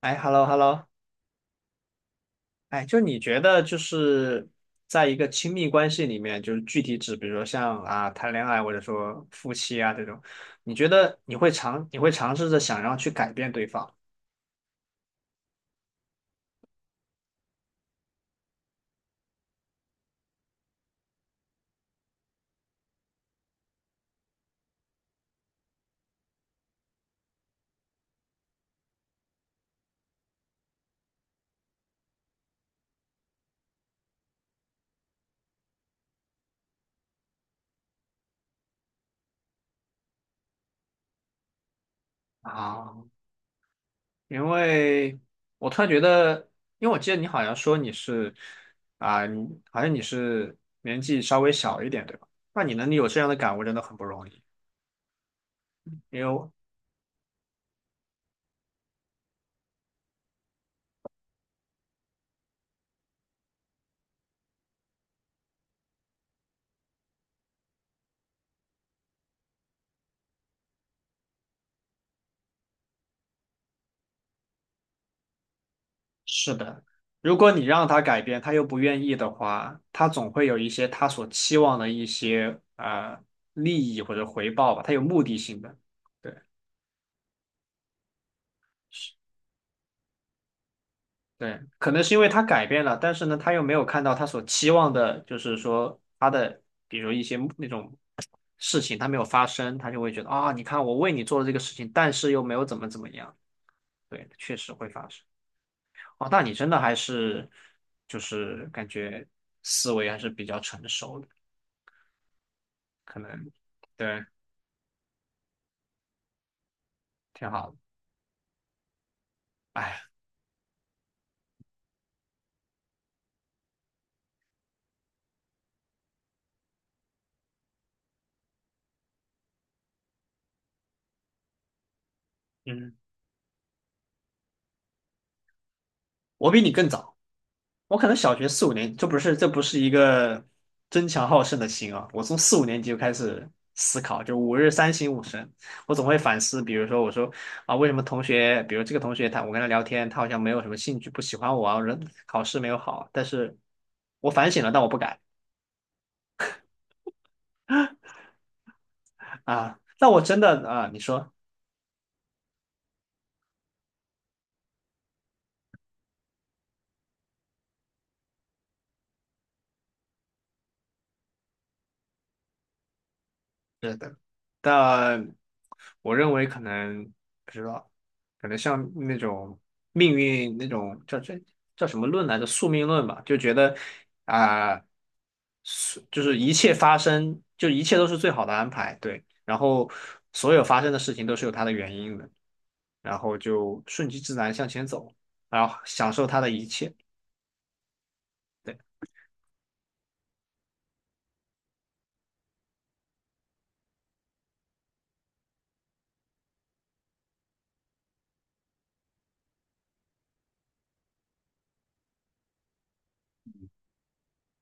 哎，hello hello。哎，就你觉得就是在一个亲密关系里面，就是具体指，比如说像啊谈恋爱或者说夫妻啊这种，你觉得你会尝试着想要去改变对方啊？因为我突然觉得，因为我记得你好像说你是啊，你好像你是年纪稍微小一点，对吧？那你能有这样的感悟真的很不容易。因为是的，如果你让他改变，他又不愿意的话，他总会有一些他所期望的一些利益或者回报吧，他有目的性的。对，是，对，可能是因为他改变了，但是呢，他又没有看到他所期望的，就是说他的，比如一些那种事情他没有发生，他就会觉得啊，你看我为你做了这个事情，但是又没有怎么怎么样。对，确实会发生。哦，那你真的还是就是感觉思维还是比较成熟的。可能对，挺好的。哎，嗯，我比你更早，我可能小学四五年，这不是一个争强好胜的心啊，我从四五年级就开始思考，就五日三省吾身，我总会反思，比如说我说啊，为什么同学，比如这个同学他我跟他聊天，他好像没有什么兴趣，不喜欢我啊，人考试没有好，但是我反省了，但我不改啊。那我真的啊，你说。是的，但我认为可能不知道，可能像那种命运那种叫这叫什么论来着？宿命论吧，就觉得啊，宿就是一切发生，就一切都是最好的安排。对。然后所有发生的事情都是有它的原因的，然后就顺其自然向前走，然后享受它的一切。对。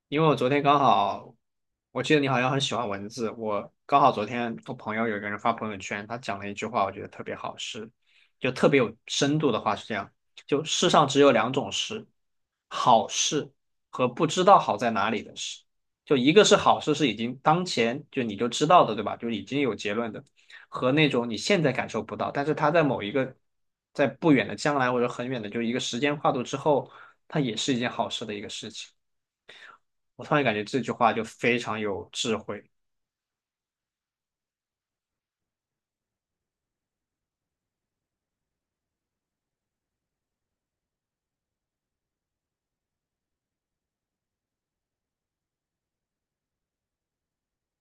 因为我昨天刚好，我记得你好像很喜欢文字，我刚好昨天我朋友有一个人发朋友圈，他讲了一句话，我觉得特别好，是就特别有深度的话是这样，就世上只有两种事，好事和不知道好在哪里的事，就一个是好事是已经当前就你就知道的，对吧？就已经有结论的，和那种你现在感受不到，但是它在某一个在不远的将来或者很远的就一个时间跨度之后，它也是一件好事的一个事情。我突然感觉这句话就非常有智慧。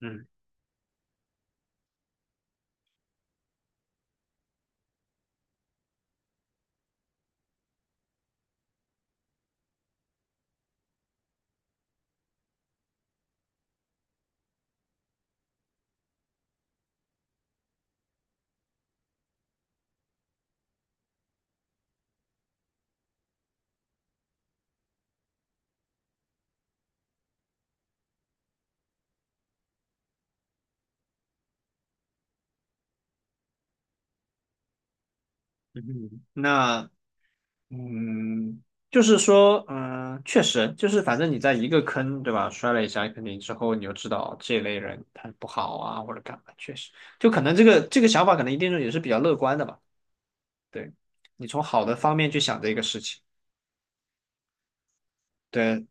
嗯嗯，那嗯，就是说，嗯，确实，就是反正你在一个坑，对吧？摔了一下，肯定之后你就知道这类人他不好啊，或者干嘛，确实，就可能这个想法，可能一定是也是比较乐观的吧。对，你从好的方面去想这个事情。对，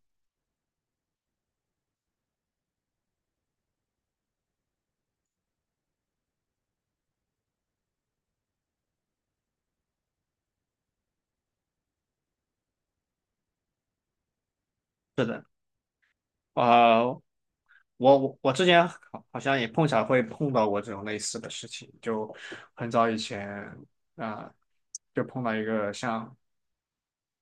是的，啊、我之前好好像也碰巧会碰到过这种类似的事情，就很早以前啊、就碰到一个像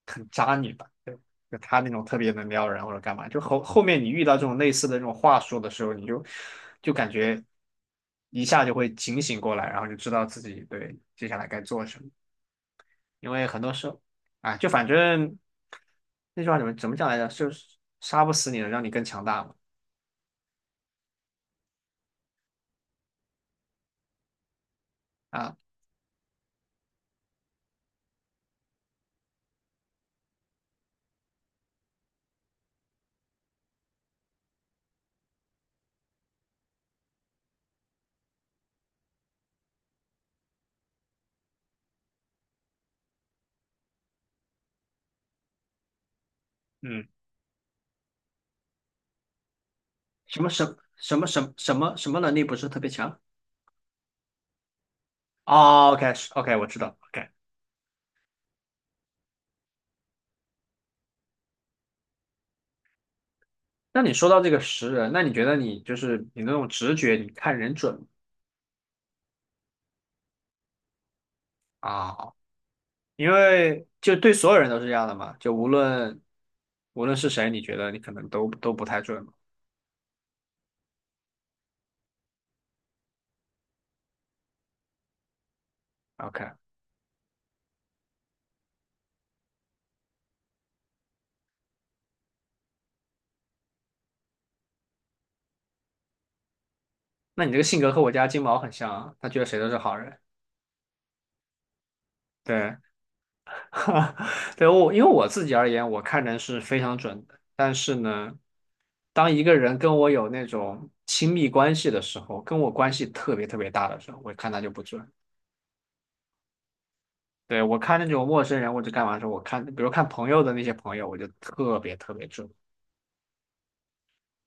很渣女吧，就就她那种特别能撩人或者干嘛，就后面你遇到这种类似的这种话术的时候，你就就感觉一下就会警醒过来，然后就知道自己对接下来该做什么，因为很多时候啊，就反正那句话怎么怎么讲来着，就是杀不死你的，让你更强大嘛。啊。嗯。什么能力不是特别强？哦，OK OK，我知道。OK，那你说到这个识人，那你觉得你就是你那种直觉，你看人准吗？啊？因为就对所有人都是这样的嘛，就无论是谁，你觉得你可能都不太准嘛。OK，那你这个性格和我家金毛很像啊，他觉得谁都是好人。对，对我因为我自己而言，我看人是非常准的，但是呢，当一个人跟我有那种亲密关系的时候，跟我关系特别特别大的时候，我看他就不准。对，我看那种陌生人或者干嘛的时候，我看，比如看朋友的那些朋友，我就特别特别准。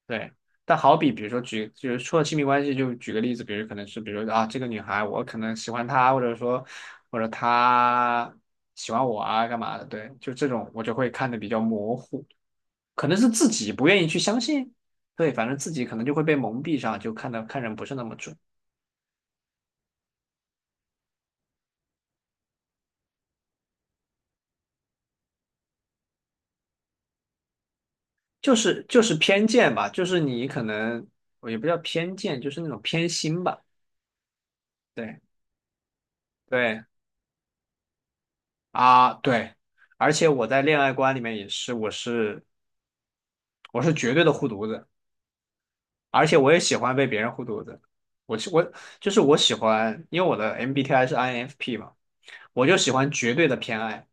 对，但好比比如说举，就是说亲密关系，就举个例子，比如可能是，比如说啊，这个女孩我可能喜欢她，或者说或者她喜欢我啊，干嘛的？对，就这种我就会看的比较模糊，可能是自己不愿意去相信，对，反正自己可能就会被蒙蔽上，就看的看人不是那么准。就是偏见吧，就是你可能我也不叫偏见，就是那种偏心吧。对对啊对，而且我在恋爱观里面也是，我绝对的护犊子，而且我也喜欢被别人护犊子。我是我就是我喜欢，因为我的 MBTI 是 INFP 嘛，我就喜欢绝对的偏爱。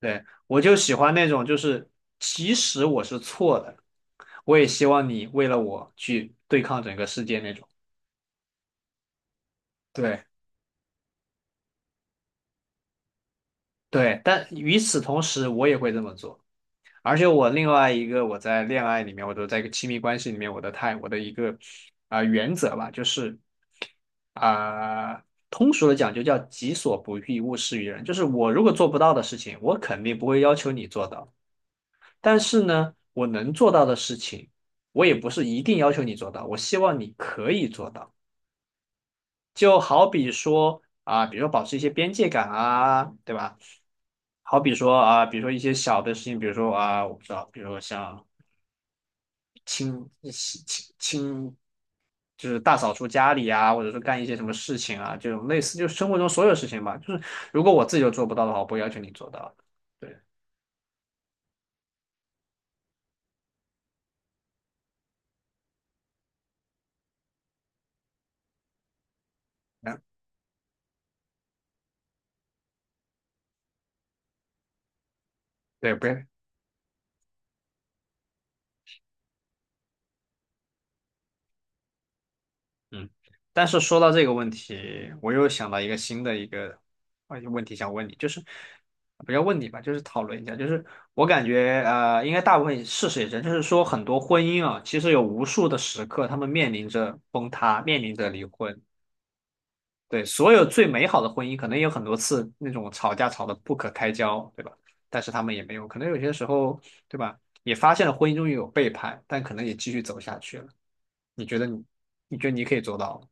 对，我就喜欢那种就是即使我是错的，我也希望你为了我去对抗整个世界那种。对。对，但与此同时，我也会这么做。而且我另外一个，我在恋爱里面，我都在一个亲密关系里面，我的态，我的一个啊、原则吧，就是啊、通俗的讲就叫己所不欲，勿施于人。就是我如果做不到的事情，我肯定不会要求你做到。但是呢，我能做到的事情，我也不是一定要求你做到，我希望你可以做到。就好比说啊、比如说保持一些边界感啊，对吧？好比说啊，比如说一些小的事情，比如说啊，我不知道，比如说像清清清清，就是大扫除家里啊，或者说干一些什么事情啊，这种类似就是生活中所有事情吧。就是如果我自己都做不到的话，我不会要求你做到的。对，嗯，对，不要嗯，但是说到这个问题，我又想到一个新的一个问题想问你，就是不要问你吧，就是讨论一下，就是我感觉，应该大部分事实也是，就是说很多婚姻啊，其实有无数的时刻，他们面临着崩塌，面临着离婚。对，所有最美好的婚姻，可能也有很多次那种吵架吵得不可开交，对吧？但是他们也没有，可能有些时候，对吧？也发现了婚姻中有背叛，但可能也继续走下去了。你觉得你，你觉得你可以做到吗？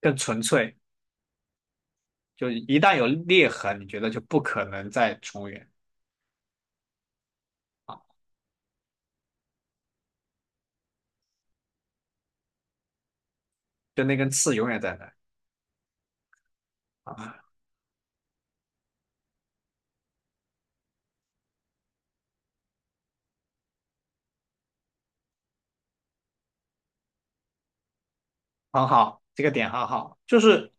更纯粹。就一旦有裂痕，你觉得就不可能再重圆啊，就那根刺永远在那啊。很好，这个点很好，就是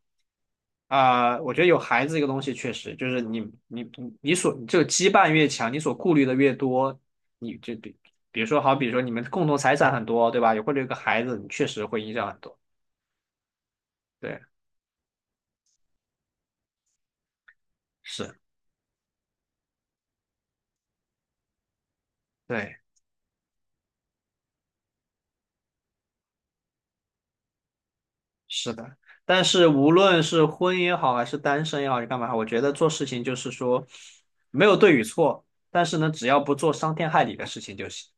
啊、我觉得有孩子这个东西确实就是你所这个羁绊越强，你所顾虑的越多，你就比比如说好，比如说你们共同财产很多，对吧？有或者有个孩子，你确实会影响很多，对，是，对。是的，但是无论是婚姻也好，还是单身也好，还是干嘛也好我觉得做事情就是说没有对与错，但是呢，只要不做伤天害理的事情就行。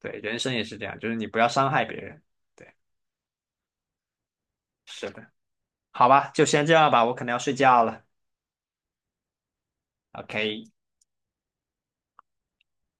对，人生也是这样，就是你不要伤害别人。对，是的，好吧，就先这样吧，我可能要睡觉了。OK。